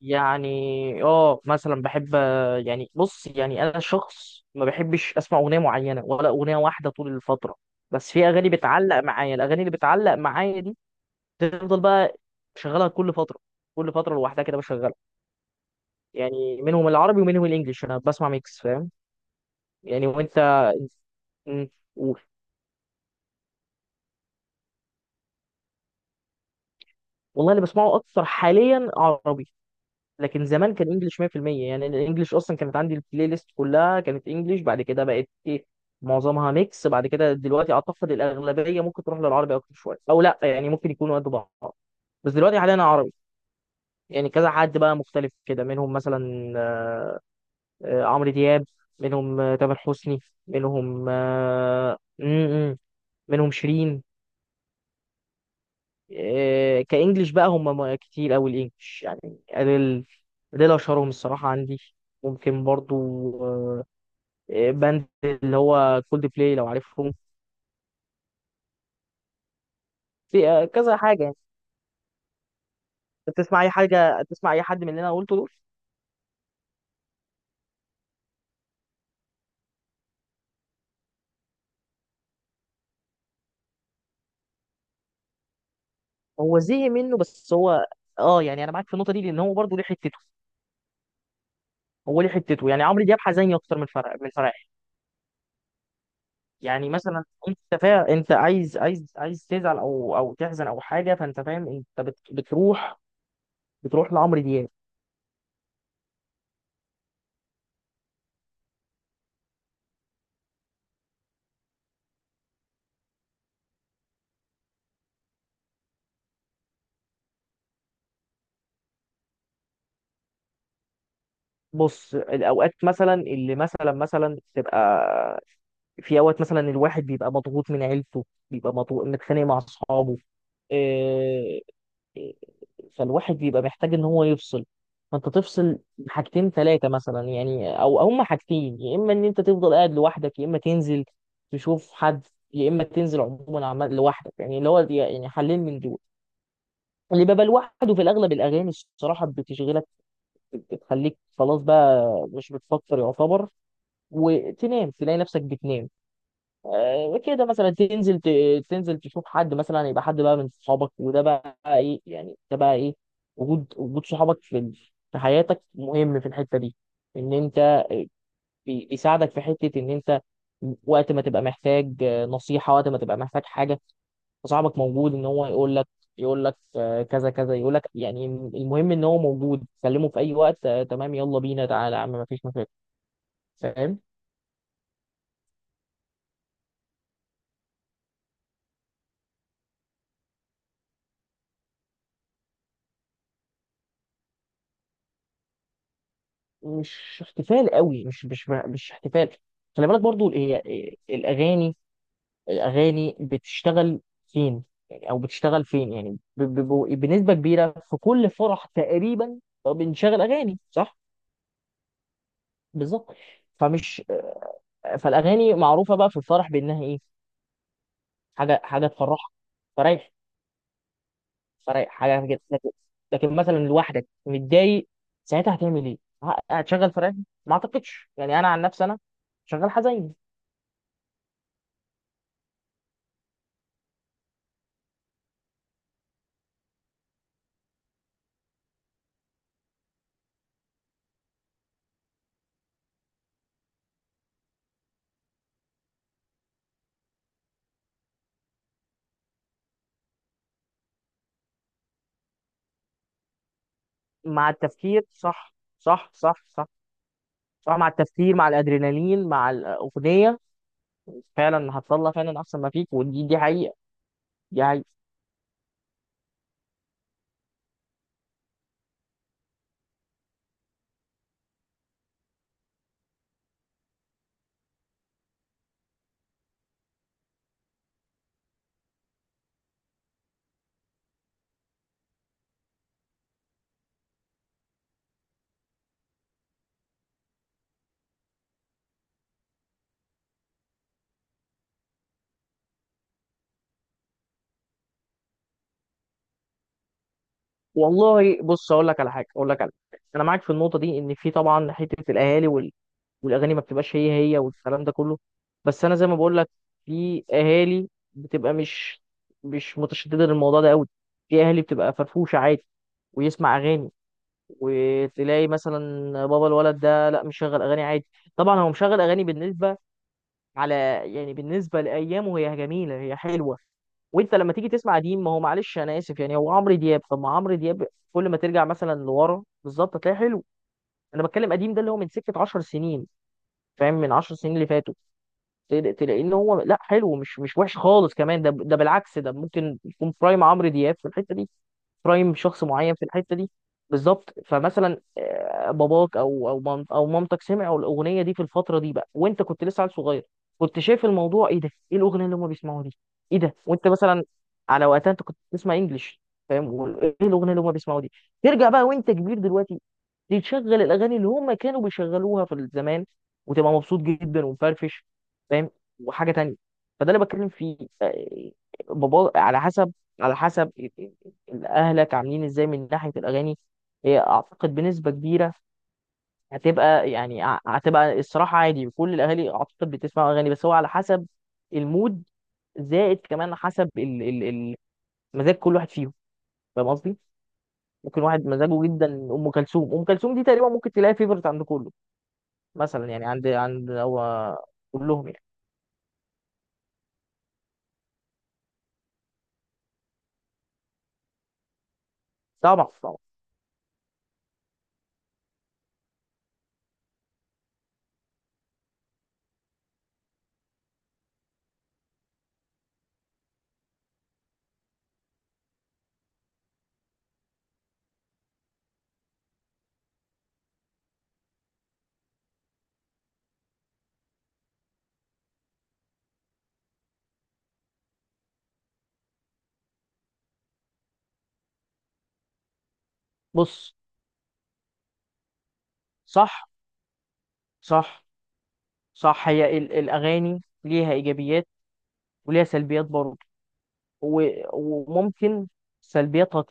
يعني اه، مثلا بحب. يعني بص، يعني انا شخص ما بحبش اسمع اغنيه معينه ولا اغنيه واحده طول الفتره، بس في اغاني بتعلق معايا. الاغاني اللي بتعلق معايا دي تفضل بقى شغالها كل فتره، كل فتره لوحدها كده بشغلها. يعني منهم العربي ومنهم الانجليش، انا بسمع ميكس، فاهم؟ يعني وانت؟ مم. قول. والله اللي بسمعه اكتر حاليا عربي، لكن زمان كان انجلش 100%. يعني الانجليش اصلا، كانت عندي البلاي ليست كلها كانت انجلش، بعد كده بقت ايه، معظمها ميكس، بعد كده دلوقتي اعتقد الاغلبيه ممكن تروح للعربي اكتر شويه، او لا يعني ممكن يكونوا قد بعض، بس دلوقتي حاليا عربي. يعني كذا حد بقى مختلف كده، منهم مثلا عمرو دياب، منهم تامر حسني، منهم منهم شيرين، كانجليش بقى هم، كتير قوي الانجليش، يعني اديل. اديل اشهرهم الصراحه عندي. ممكن برضو آه، باند اللي هو كولد بلاي لو عارفهم. في كذا حاجه يعني. انت بتسمع اي حاجه؟ تسمع اي حد من اللي انا قلته دول؟ هو زهق منه، بس هو اه، يعني انا معاك في النقطه دي، لان هو برضه ليه حتته. هو ليه حتته، يعني عمرو دياب حزيني اكتر من فرح، من فرح. يعني مثلا انت انت عايز تزعل، او تحزن او حاجه، فانت فاهم، انت بتروح لعمرو دياب. بص، الاوقات مثلا اللي مثلا تبقى، في اوقات مثلا الواحد بيبقى مضغوط من عيلته، بيبقى مضغوط، متخانق مع اصحابه، إيه- إيه، فالواحد بيبقى محتاج ان هو يفصل، فانت تفصل حاجتين ثلاثه مثلا. يعني او هما حاجتين، يا اما ان انت تفضل قاعد لوحدك، يا اما تنزل تشوف حد، يا اما تنزل عموما عمال لوحدك، يعني اللي هو يعني حلين من دول. اللي بيبقى لوحده في الاغلب الاغاني الصراحه بتشغلك، بتخليك خلاص بقى مش بتفكر يعتبر، وتنام، تلاقي نفسك بتنام. كده مثلا تنزل، تنزل تشوف حد، مثلا يبقى حد بقى من صحابك، وده بقى ايه يعني، ده بقى ايه؟ وجود صحابك في حياتك مهم في الحتة دي، ان انت بيساعدك في حتة ان انت وقت ما تبقى محتاج نصيحة، وقت ما تبقى محتاج حاجة، صاحبك موجود ان هو يقول لك كذا كذا، يقول لك يعني، المهم ان هو موجود، كلمه في اي وقت تمام، يلا بينا، تعالى يا عم، مفيش مشاكل، فاهم؟ مش احتفال قوي، مش احتفال، خلي بالك برضو. هي الاغاني، الاغاني بتشتغل فين؟ يعني او بتشتغل فين يعني بنسبه كبيره، في كل فرح تقريبا بنشغل اغاني، صح؟ بالظبط. فمش فالاغاني معروفه بقى في الفرح بانها ايه، حاجه، حاجه تفرحك، فريح، فرق حاجه كده، لكن، لكن مثلا لوحدك متضايق ساعتها، هتعمل ايه؟ هتشغل فرح؟ ما اعتقدش، يعني انا عن نفسي انا شغال حزين. مع التفكير، صح، صح، صح، صح، صح. مع التفكير، مع الادرينالين، مع الاغنيه، فعلا هتطلع فعلا احسن ما فيك، ودي، دي حقيقه، دي حقيقه. والله بص، اقول لك على حاجه، اقول لك على حاجه، انا معاك في النقطه دي، ان في طبعا حته الاهالي، والاغاني ما بتبقاش هي هي، والكلام ده كله. بس انا زي ما بقول لك، في اهالي بتبقى مش متشدده للموضوع ده قوي، في اهالي بتبقى فرفوشه عادي ويسمع اغاني. وتلاقي مثلا بابا الولد ده لا، مشغل اغاني عادي. طبعا هو مشغل اغاني بالنسبه، على، يعني بالنسبه لايامه هي جميله، هي حلوه. وانت لما تيجي تسمع قديم، ما هو معلش انا اسف، يعني هو عمرو دياب، طب ما عمرو دياب كل ما ترجع مثلا لورا بالظبط هتلاقيه حلو. انا بتكلم قديم ده اللي هو من سكه 10 سنين، فاهم، من 10 سنين اللي فاتوا. تلاقيه ان هو لا، حلو، مش وحش خالص، كمان ده بالعكس، ده ممكن يكون برايم عمرو دياب في الحته دي. برايم شخص معين في الحته دي، بالظبط. فمثلا باباك او او مامتك سمعوا الاغنيه دي في الفتره دي بقى، وانت كنت لسه عيل صغير، كنت شايف الموضوع ايه ده، ايه الاغنيه اللي هم بيسمعوها دي، ايه ده. وانت مثلا على وقتها انت كنت بتسمع انجلش، فاهم؟ ايه الاغنيه اللي هم بيسمعوها دي؟ ترجع بقى وانت كبير دلوقتي، تشغل الاغاني اللي هم كانوا بيشغلوها في الزمان، وتبقى مبسوط جدا ومفرفش، فاهم؟ وحاجه تانية. فده اللي بتكلم فيه، آه، بابا على حسب، على حسب اهلك عاملين ازاي من ناحيه الاغاني، هي اعتقد بنسبه كبيره هتبقى يعني، هتبقى الصراحه عادي، كل الاهالي اعتقد بتسمع اغاني، بس هو على حسب المود، زائد كمان حسب مزاج كل واحد فيهم، فاهم قصدي؟ ممكن واحد مزاجه جدا ام كلثوم. ام كلثوم دي تقريبا ممكن تلاقي فيفرت عند كله، مثلا، يعني عند هو كلهم يعني. طبعا، طبعا. بص، صح، صح، صح. هي الأغاني ليها إيجابيات وليها سلبيات برضه، و- وممكن سلبياتها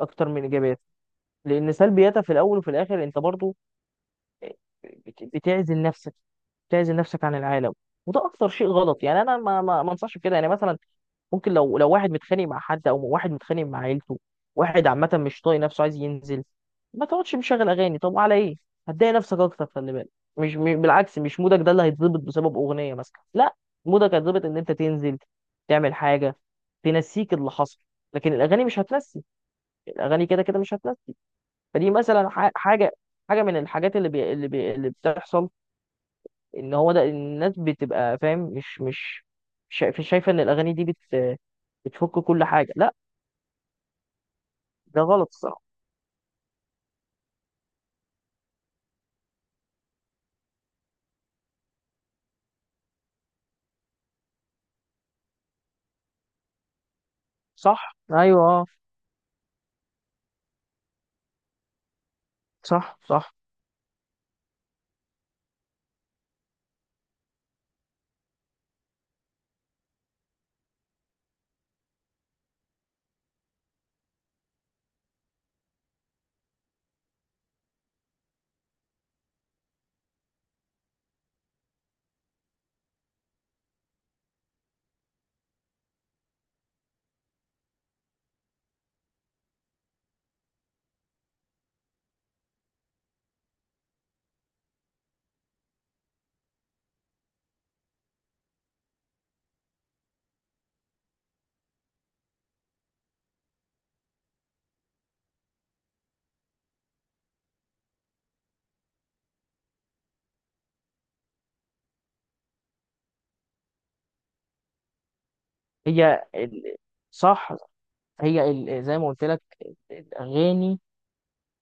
أكتر من إيجابياتها، لأن سلبياتها في الأول وفي الآخر أنت برضه بتعزل نفسك، بتعزل نفسك عن العالم. وده اكتر شيء غلط، يعني انا ما انصحش بكده. يعني مثلا ممكن لو واحد متخانق مع حد، او واحد متخانق مع عيلته، واحد عامه مش طايق نفسه، عايز ينزل، ما تقعدش مشغل اغاني، طب على ايه؟ هتضايق نفسك اكتر، خلي بالك. مش بالعكس، مش مودك ده اللي هيتظبط بسبب اغنيه مثلا، لا. مودك هيتظبط ان انت تنزل، تعمل حاجه تنسيك اللي حصل، لكن الاغاني مش هتنسي، الاغاني كده كده مش هتنسي. فدي مثلا حاجه من الحاجات اللي بتحصل، ان هو ده الناس بتبقى فاهم، مش شايفه ان الاغاني دي بتفك كل حاجه، لا، ده غلط الصراحه. صح، ايوه، صح، صح. هي صح، هي زي ما قلت لك، الاغاني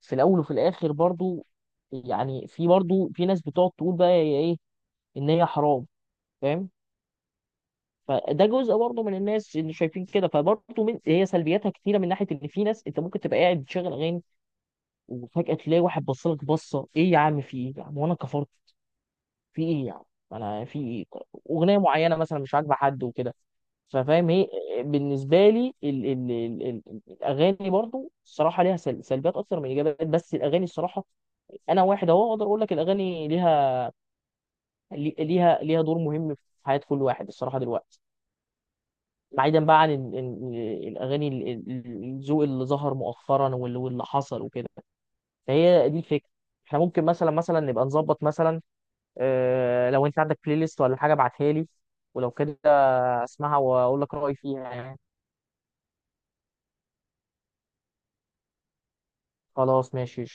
في الاول وفي الاخر برضو، يعني في برضو في ناس بتقعد تقول بقى هي ايه، ان هي حرام، فاهم. فده جزء برضه من الناس اللي شايفين كده، فبرضه من هي سلبياتها كتيره، من ناحيه ان في ناس انت ممكن تبقى قاعد بتشغل اغاني، وفجأة تلاقي واحد بصلك بصة، ايه يا عم، في ايه يا عم، وانا كفرت، في ايه يا عم، انا في ايه، اغنية معينة مثلا مش عاجبة حد وكده. ففاهم، هي بالنسبة لي ال ال ال ال الاغاني برضو الصراحة ليها سلبيات اكتر من ايجابيات، بس الاغاني الصراحة، انا واحد اهو اقدر اقول لك الاغاني ليها، ليها دور مهم في حياة كل واحد الصراحة دلوقتي، بعيدا بقى عن الاغاني، الذوق اللي ظهر مؤخرا واللي حصل وكده. فهي دي الفكره، احنا ممكن مثلا نبقى نظبط مثلا، لو انت عندك بلاي ليست ولا حاجه ابعتها لي، ولو كده اسمعها واقول لك رايي فيها يعني. خلاص ماشي.